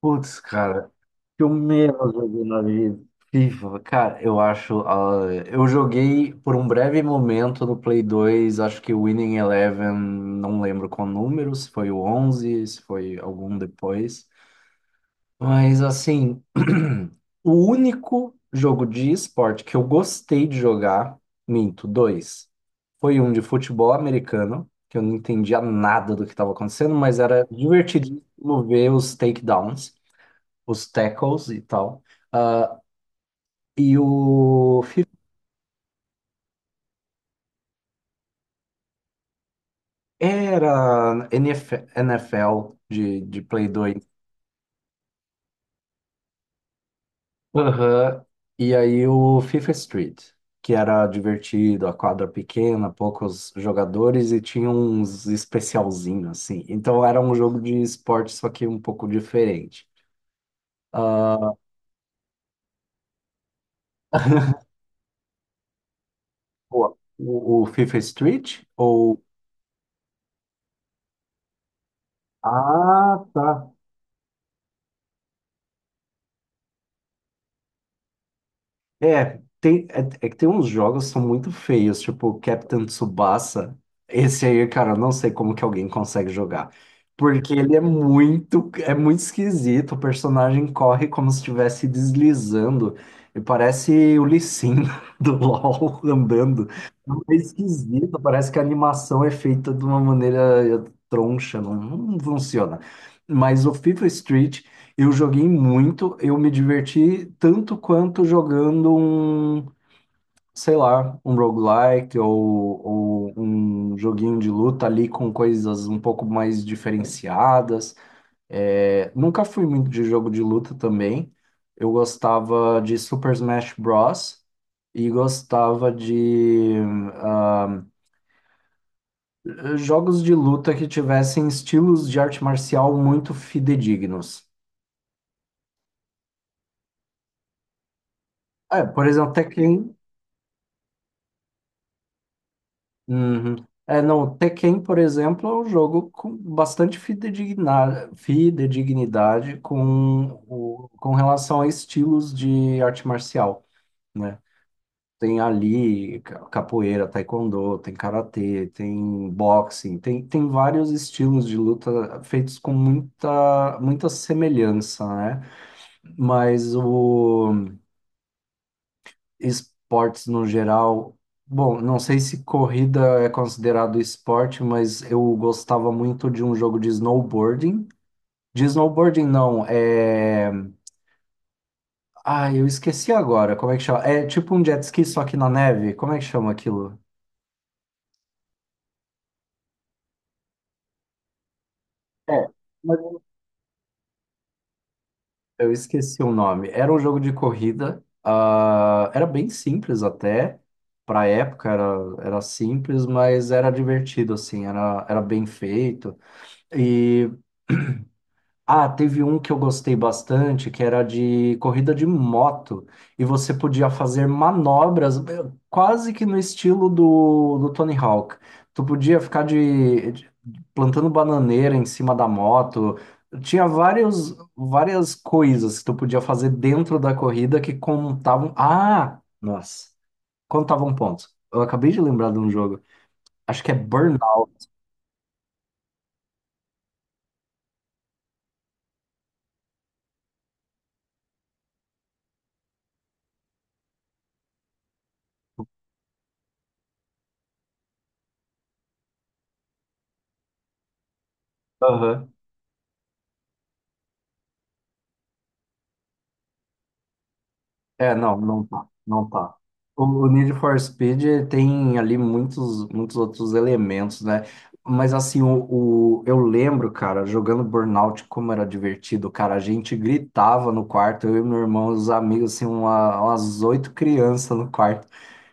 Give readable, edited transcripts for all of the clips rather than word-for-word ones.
Putz, cara, que eu menos joguei na vida. FIFA, cara, eu acho. Eu joguei por um breve momento no Play 2, acho que o Winning Eleven, não lembro qual número, se foi o 11, se foi algum depois. Mas, assim, o único jogo de esporte que eu gostei de jogar, minto, dois, foi um de futebol americano, que eu não entendia nada do que estava acontecendo, mas era divertidíssimo ver os takedowns os tackles e tal. Ah, e era N F L de, Play 2. Aham. E aí o FIFA Street, que era divertido, a quadra pequena, poucos jogadores e tinha uns especialzinho assim. Então era um jogo de esporte, só que um pouco diferente. Ah, o FIFA Street ou... Ah, tá. É, tem, é que tem uns jogos que são muito feios, tipo Captain Tsubasa. Esse aí, cara, eu não sei como que alguém consegue jogar. Porque ele é muito esquisito. O personagem corre como se estivesse deslizando. E parece o Lee Sin do LoL andando. É esquisito, parece que a animação é feita de uma maneira troncha, não, não funciona. Mas o FIFA Street. Eu joguei muito, eu me diverti tanto quanto jogando um, sei lá, um roguelike ou um joguinho de luta ali com coisas um pouco mais diferenciadas. É, nunca fui muito de jogo de luta também. Eu gostava de Super Smash Bros. E gostava de ah, jogos de luta que tivessem estilos de arte marcial muito fidedignos. É, por exemplo, Tekken. Uhum. É, não, o Tekken, por exemplo, é um jogo com bastante fidedignidade com relação a estilos de arte marcial, né? Tem ali capoeira, taekwondo, tem karatê, tem boxing, tem vários estilos de luta feitos com muita, muita semelhança, né? Mas o esportes no geral. Bom, não sei se corrida é considerado esporte, mas eu gostava muito de um jogo de snowboarding. De snowboarding, não, é. Ah, eu esqueci agora. Como é que chama? É tipo um jet ski, só que na neve. Como é que chama aquilo? É, mas eu esqueci o nome. Era um jogo de corrida. Era bem simples até. Pra época era simples, mas era divertido, assim. Era bem feito. e Ah, teve um que eu gostei bastante, que era de corrida de moto, e você podia fazer manobras quase que no estilo do Tony Hawk. Tu podia ficar plantando bananeira em cima da moto. Tinha várias coisas que tu podia fazer dentro da corrida que contavam. Ah, nossa, contavam pontos. Eu acabei de lembrar de um jogo. Acho que é Burnout. É, não, não tá, não tá. O Need for Speed tem ali muitos, muitos outros elementos, né? Mas assim, eu lembro, cara, jogando Burnout, como era divertido, cara. A gente gritava no quarto, eu e meu irmão, os amigos, assim, umas 8 crianças no quarto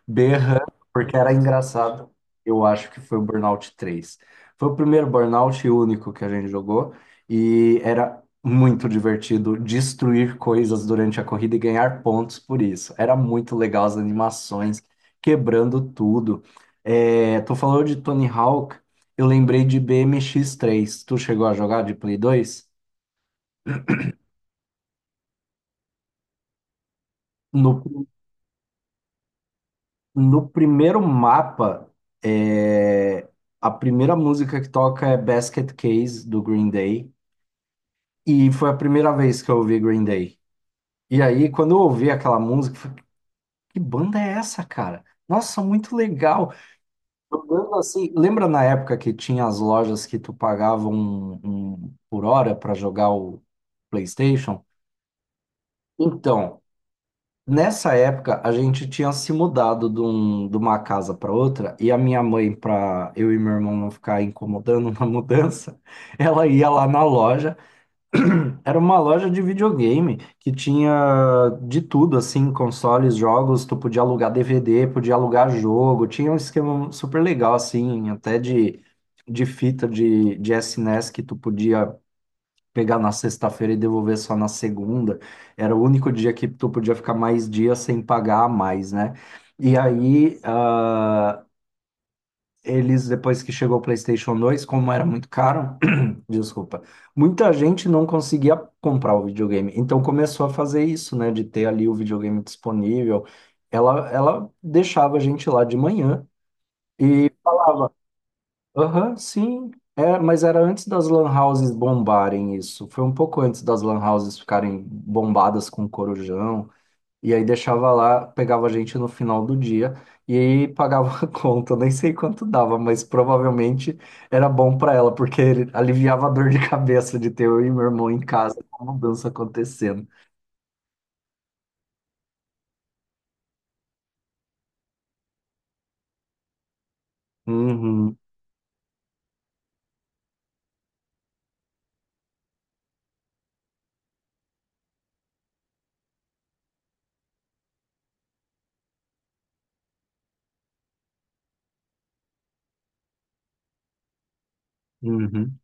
berrando, porque era engraçado. Eu acho que foi o Burnout 3. Foi o primeiro Burnout e único que a gente jogou e era muito divertido destruir coisas durante a corrida e ganhar pontos por isso. Era muito legal as animações, quebrando tudo. É, tu falou de Tony Hawk, eu lembrei de BMX 3. Tu chegou a jogar de Play 2? No No primeiro mapa, é, a primeira música que toca é Basket Case do Green Day. E foi a primeira vez que eu ouvi Green Day. E aí, quando eu ouvi aquela música, eu falei, que banda é essa, cara? Nossa, muito legal. Uma banda assim, lembra na época que tinha as lojas que tu pagava um por hora para jogar o PlayStation? Então, nessa época, a gente tinha se mudado de, de uma casa para outra, e a minha mãe, para eu e meu irmão não ficar incomodando na mudança, ela ia lá na loja. Era uma loja de videogame que tinha de tudo, assim, consoles, jogos, tu podia alugar DVD, podia alugar jogo, tinha um esquema super legal, assim, até de fita de SNES que tu podia pegar na sexta-feira e devolver só na segunda. Era o único dia que tu podia ficar mais dias sem pagar a mais, né? E aí, eles, depois que chegou o PlayStation 2, como era muito caro, desculpa, muita gente não conseguia comprar o videogame. Então começou a fazer isso, né? De ter ali o videogame disponível. Ela deixava a gente lá de manhã. Aham, sim. É, mas era antes das lan houses bombarem isso. Foi um pouco antes das lan houses ficarem bombadas com corujão. E aí deixava lá, pegava a gente no final do dia e aí pagava a conta. Eu nem sei quanto dava, mas provavelmente era bom para ela, porque ele aliviava a dor de cabeça de ter eu e meu irmão em casa com a mudança acontecendo. Uhum, uhum.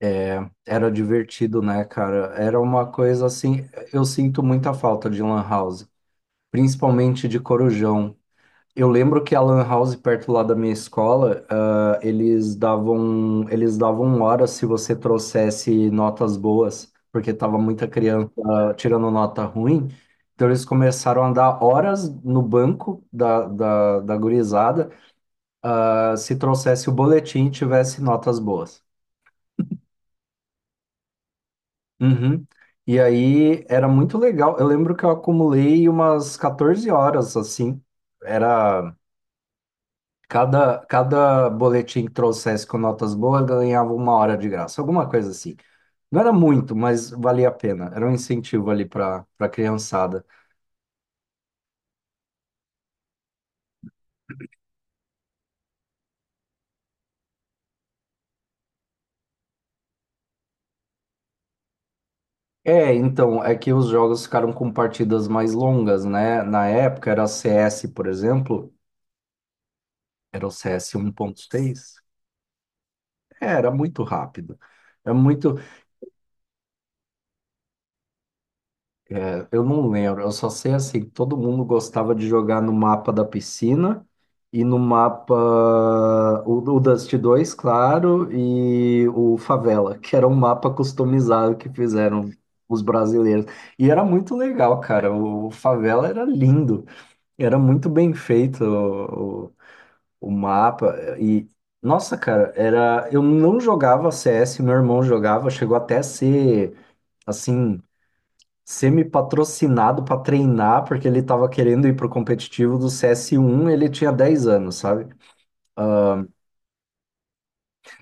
É, era divertido, né, cara? Era uma coisa assim. Eu sinto muita falta de lan house, principalmente de Corujão. Eu lembro que a Lan House, perto lá da minha escola, eles davam hora se você trouxesse notas boas, porque tava muita criança tirando nota ruim. Então eles começaram a dar horas no banco da gurizada, se trouxesse o boletim e tivesse notas boas. Uhum. E aí era muito legal. Eu lembro que eu acumulei umas 14 horas, assim. Era. Cada boletim que trouxesse com notas boas ganhava uma hora de graça, alguma coisa assim. Não era muito, mas valia a pena. Era um incentivo ali para criançada. É, então, é que os jogos ficaram com partidas mais longas, né? Na época era CS, por exemplo, era o CS 1.6. É, era muito rápido. É muito É, eu não lembro, eu só sei assim, que todo mundo gostava de jogar no mapa da piscina e no mapa o Dust 2, claro, e o Favela, que era um mapa customizado que fizeram os brasileiros. E era muito legal, cara. O Favela era lindo, era muito bem feito o mapa. E, nossa, cara, era. Eu não jogava CS, meu irmão jogava, chegou até a ser assim semi-patrocinado para treinar, porque ele estava querendo ir pro competitivo do CS1, ele tinha 10 anos, sabe?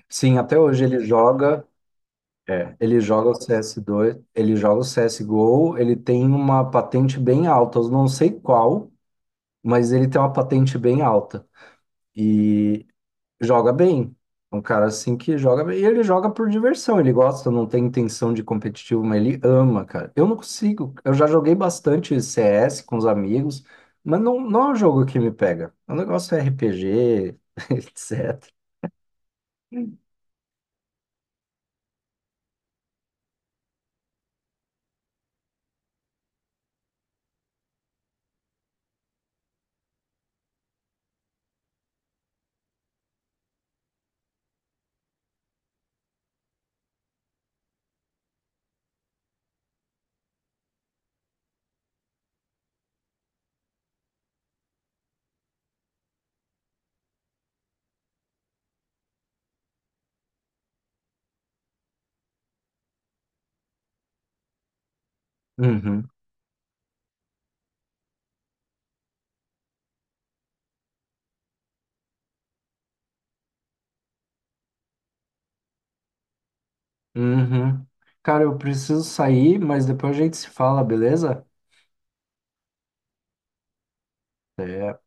Sim, até hoje ele joga, é, ele joga o CS2, ele joga o CSGO, ele tem uma patente bem alta, eu não sei qual, mas ele tem uma patente bem alta. E joga bem. É um cara assim que joga bem. E ele joga por diversão, ele gosta, não tem intenção de competitivo, mas ele ama, cara. Eu não consigo. Eu já joguei bastante CS com os amigos, mas não, não é um jogo que me pega. O negócio é RPG, etc. Uhum, uhum. Cara, eu preciso sair, mas depois a gente se fala, beleza? Até.